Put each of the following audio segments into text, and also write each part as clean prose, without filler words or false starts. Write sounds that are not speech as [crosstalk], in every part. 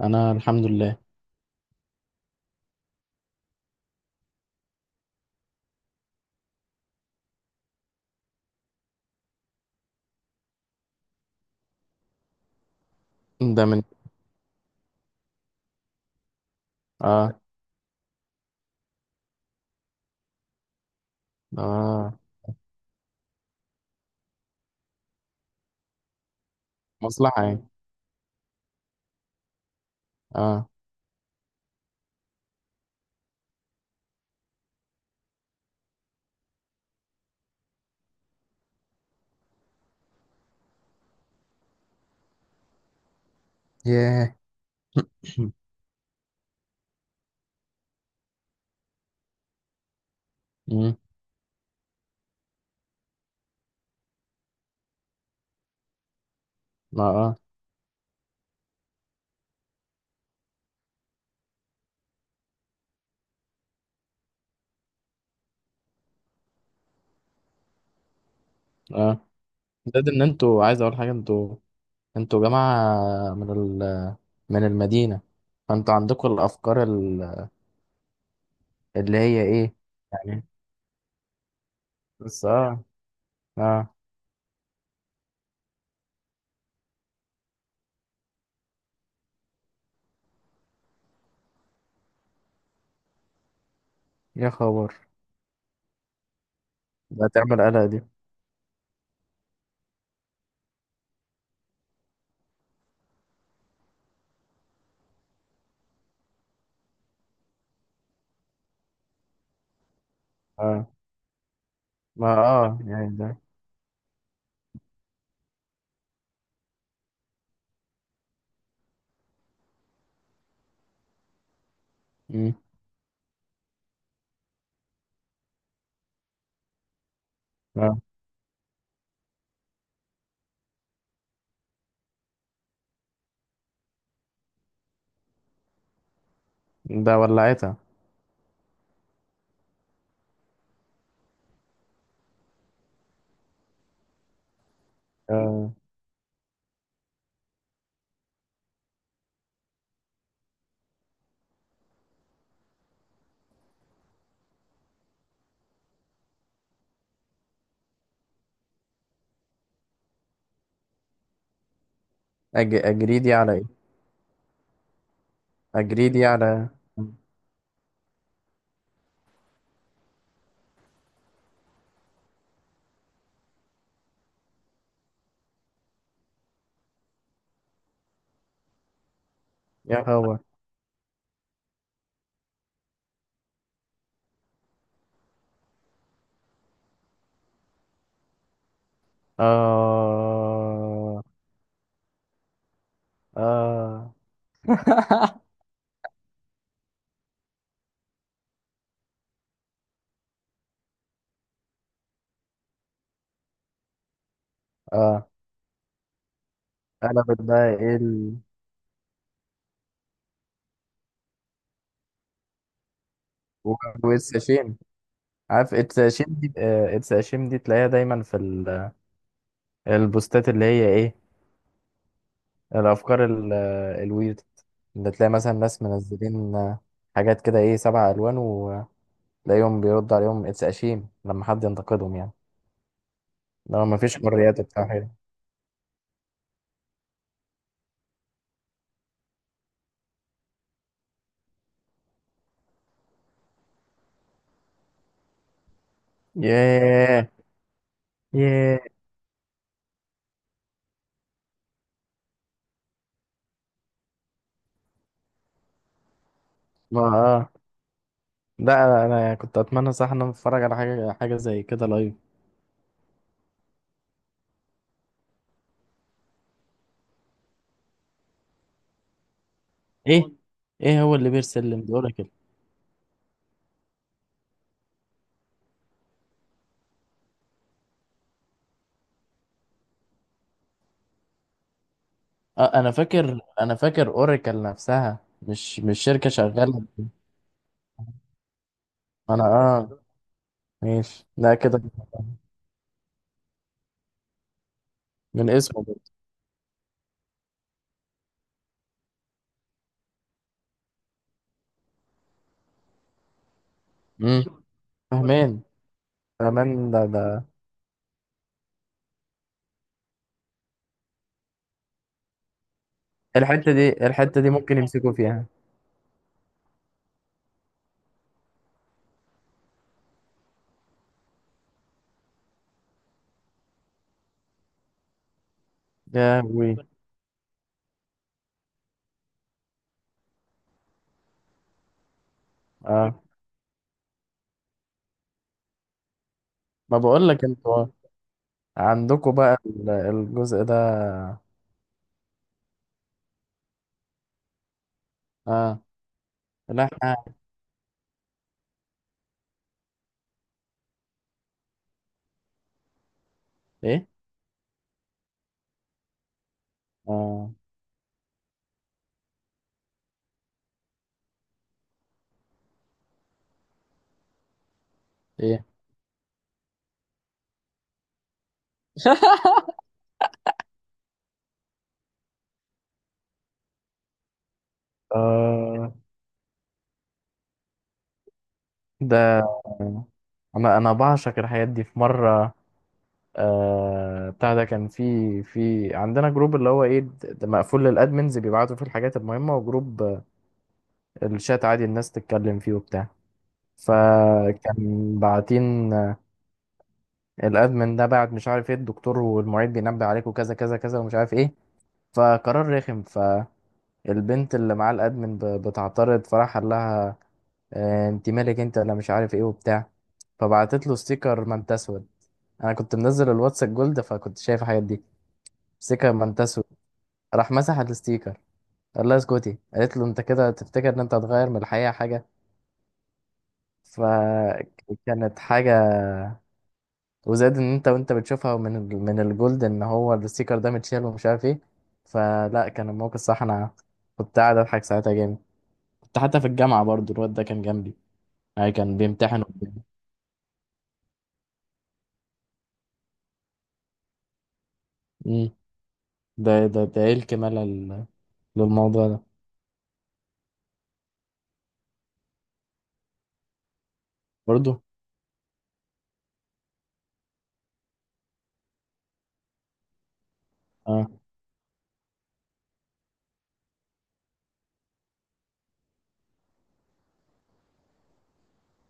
انا الحمد لله. ده من اه اه مصلحة يعني. اه ياه. [clears throat] [laughs] مم. ما اه اه ده ان انتوا، عايز اقول حاجة. انتوا جماعة من ال من المدينة، فانتوا عندكم الافكار ال- اللي هي ايه يعني. بس اه اه يا خبر، ده تعمل قلق دي. اه ما اه يعني ده. مم. اه ده ولعتها. آه. أج... اجريدي على ايه؟ اجريدي على. يا خبر. آه آه [laughs] آه أنا بتضايق. والساشين. عارف الساشين دي تلاقيها دايما في ال- البوستات، اللي هي إيه الأفكار ال- الويرد، اللي تلاقي مثلا ناس منزلين حاجات كده إيه سبع ألوان، وتلاقيهم بيرد عليهم اتساشين لما حد ينتقدهم يعني، لو مفيش حريات بتاع حاجة. ياه. ياه. ما آه لا، أنا كنت أتمنى صح إن أنا أتفرج على حاجة حاجة زي كده لايف. ايه. ايه هو اللي بيرسلم دي، اوراكل؟ اه انا فاكر اوراكل نفسها مش شركة شغالة. انا اه ماشي، لا كده. من اسمه برضه. امم فهمان فهمان ده. الحتة دي ممكن يمسكوا فيها. يا وي. اه ما بقول لك، انتوا عندكوا بقى ال- الجزء ده. اه لا، احنا. ايه. اه ايه. اه ده انا بعشق الحاجات دي. في مرة بتاع ده، كان في عندنا جروب، اللي هو ايه د- ده مقفول للادمنز، بيبعتوا فيه الحاجات المهمه، وجروب الشات عادي الناس تتكلم فيه وبتاع. فكان باعتين الادمن ده بعت مش عارف ايه، الدكتور والمعيد بينبه عليك، وكذا كذا كذا ومش عارف ايه. فقرار رخم. فالبنت اللي معاه الادمن ب- بتعترض، فراح قال لها انت مالك انت ولا مش عارف ايه وبتاع. فبعتت له ستيكر، ما انت اسود. انا كنت منزل الواتس الجولد، فكنت شايف الحاجات دي. ستيكر ما انت اسود. راح مسح الستيكر، قال لها اسكتي. قالت له انت كده تفتكر ان انت هتغير من الحقيقه حاجه؟ فكانت حاجه. وزاد ان انت وانت بتشوفها من ال- من الجولد، ان هو الستيكر ده متشال ومش عارف ايه. فلا، كان الموقف صح. انا كنت قاعد اضحك ساعتها جامد. كنت حتى في الجامعه برضو، الواد ده كان جنبي، يعني كان بيمتحن قدامي. امم ده ايه الكمال ال- للموضوع ده. برضو. اه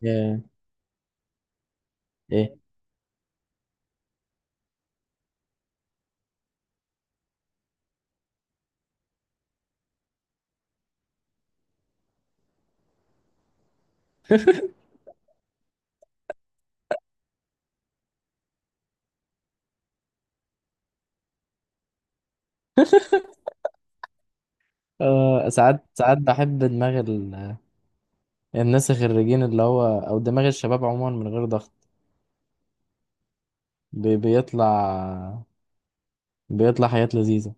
ايه. ايه. آه، ساعات ساعات بحب دماغ الناس الخريجين، اللي هو او دماغ الشباب عموما من غير ضغط، بي- بيطلع، بيطلع حاجات لذيذة.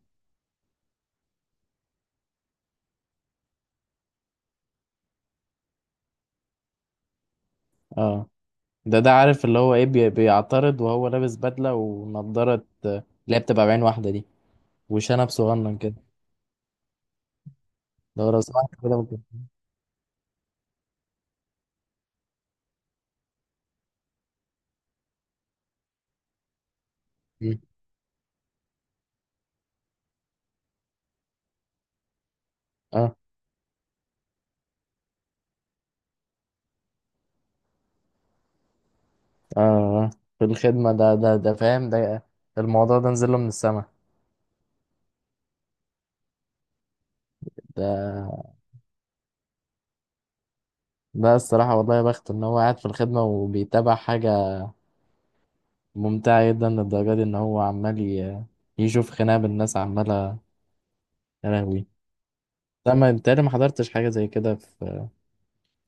اه ده عارف اللي هو ايه، بي- بيعترض وهو لابس بدلة ونضارة اللي هي بتبقى بعين واحدة دي، وشنب صغنن كده. لو سمحت كده ممكن. مم. اه اه آه. في الخدمة، ده فاهم، ده الموضوع ده نزله من السما. ده ده الصراحة والله، يا بخت ان هو قاعد في الخدمة وبيتابع حاجة ممتعة جدا للدرجة دي، ان هو عمال ي- يشوف خناقة بالناس عمالة. يا لهوي. لا، ما انت ما حضرتش حاجه زي كده في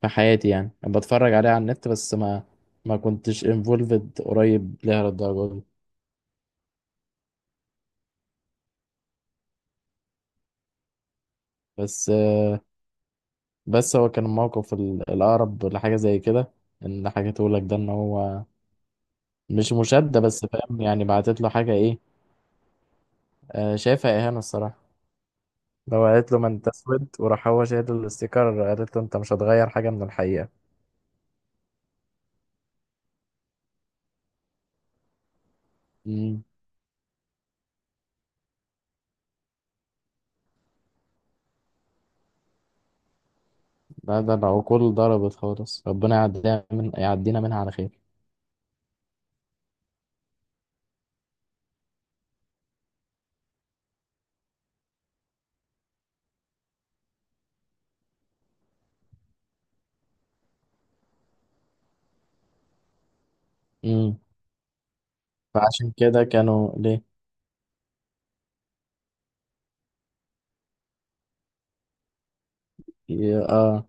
في حياتي يعني. انا بتفرج عليها على النت بس، ما كنتش انفولفد قريب ليها للدرجه دي. بس بس هو كان الموقف ال- الاقرب لحاجه زي كده ان حكيته لك ده، ان هو مش مشاده بس فاهم، يعني بعتت له حاجه ايه شايفها اهانه الصراحه. لو قالت له ما انت اسود، وراح هو شايل الاستيكر، قالت له انت مش هتغير حاجه من الحقيقه. امم لا، ده العقول ضربت خالص. ربنا يعدينا منها على خير. فعشان كده كانوا ليه. ي-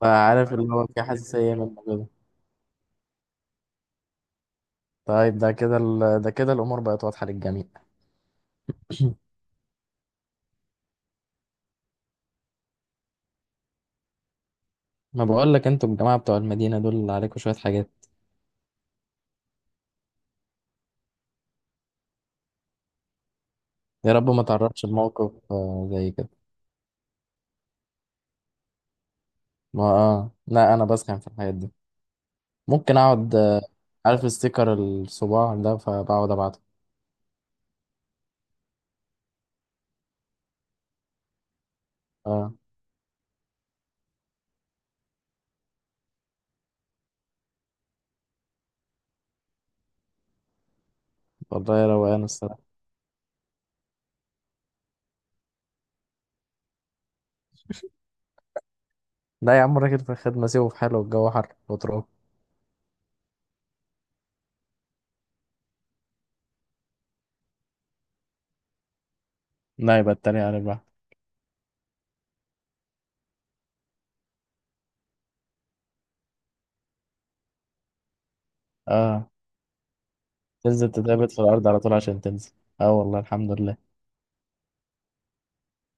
فعارف اللي هو في حساسية منه كده. طيب، ده كده الأمور بقت واضحة للجميع. [clears throat] ما بقول لك، انتوا الجماعة بتوع المدينة دول اللي عليكم شوية حاجات. يا رب ما تعرضش لموقف زي كده. ما اه لا، أنا بسخن في الحاجات دي. ممكن أقعد عارف الستيكر الصباع ده، فبقعد أبعته. اه والله يا روقان الصراحة. لا يا عم، راجل في الخدمة سيبه في حاله، الجو حر وتروح. لا، يبقى التاني على البحر. اه تنزل تتربط في الأرض على طول عشان تنزل. اه والله الحمد لله.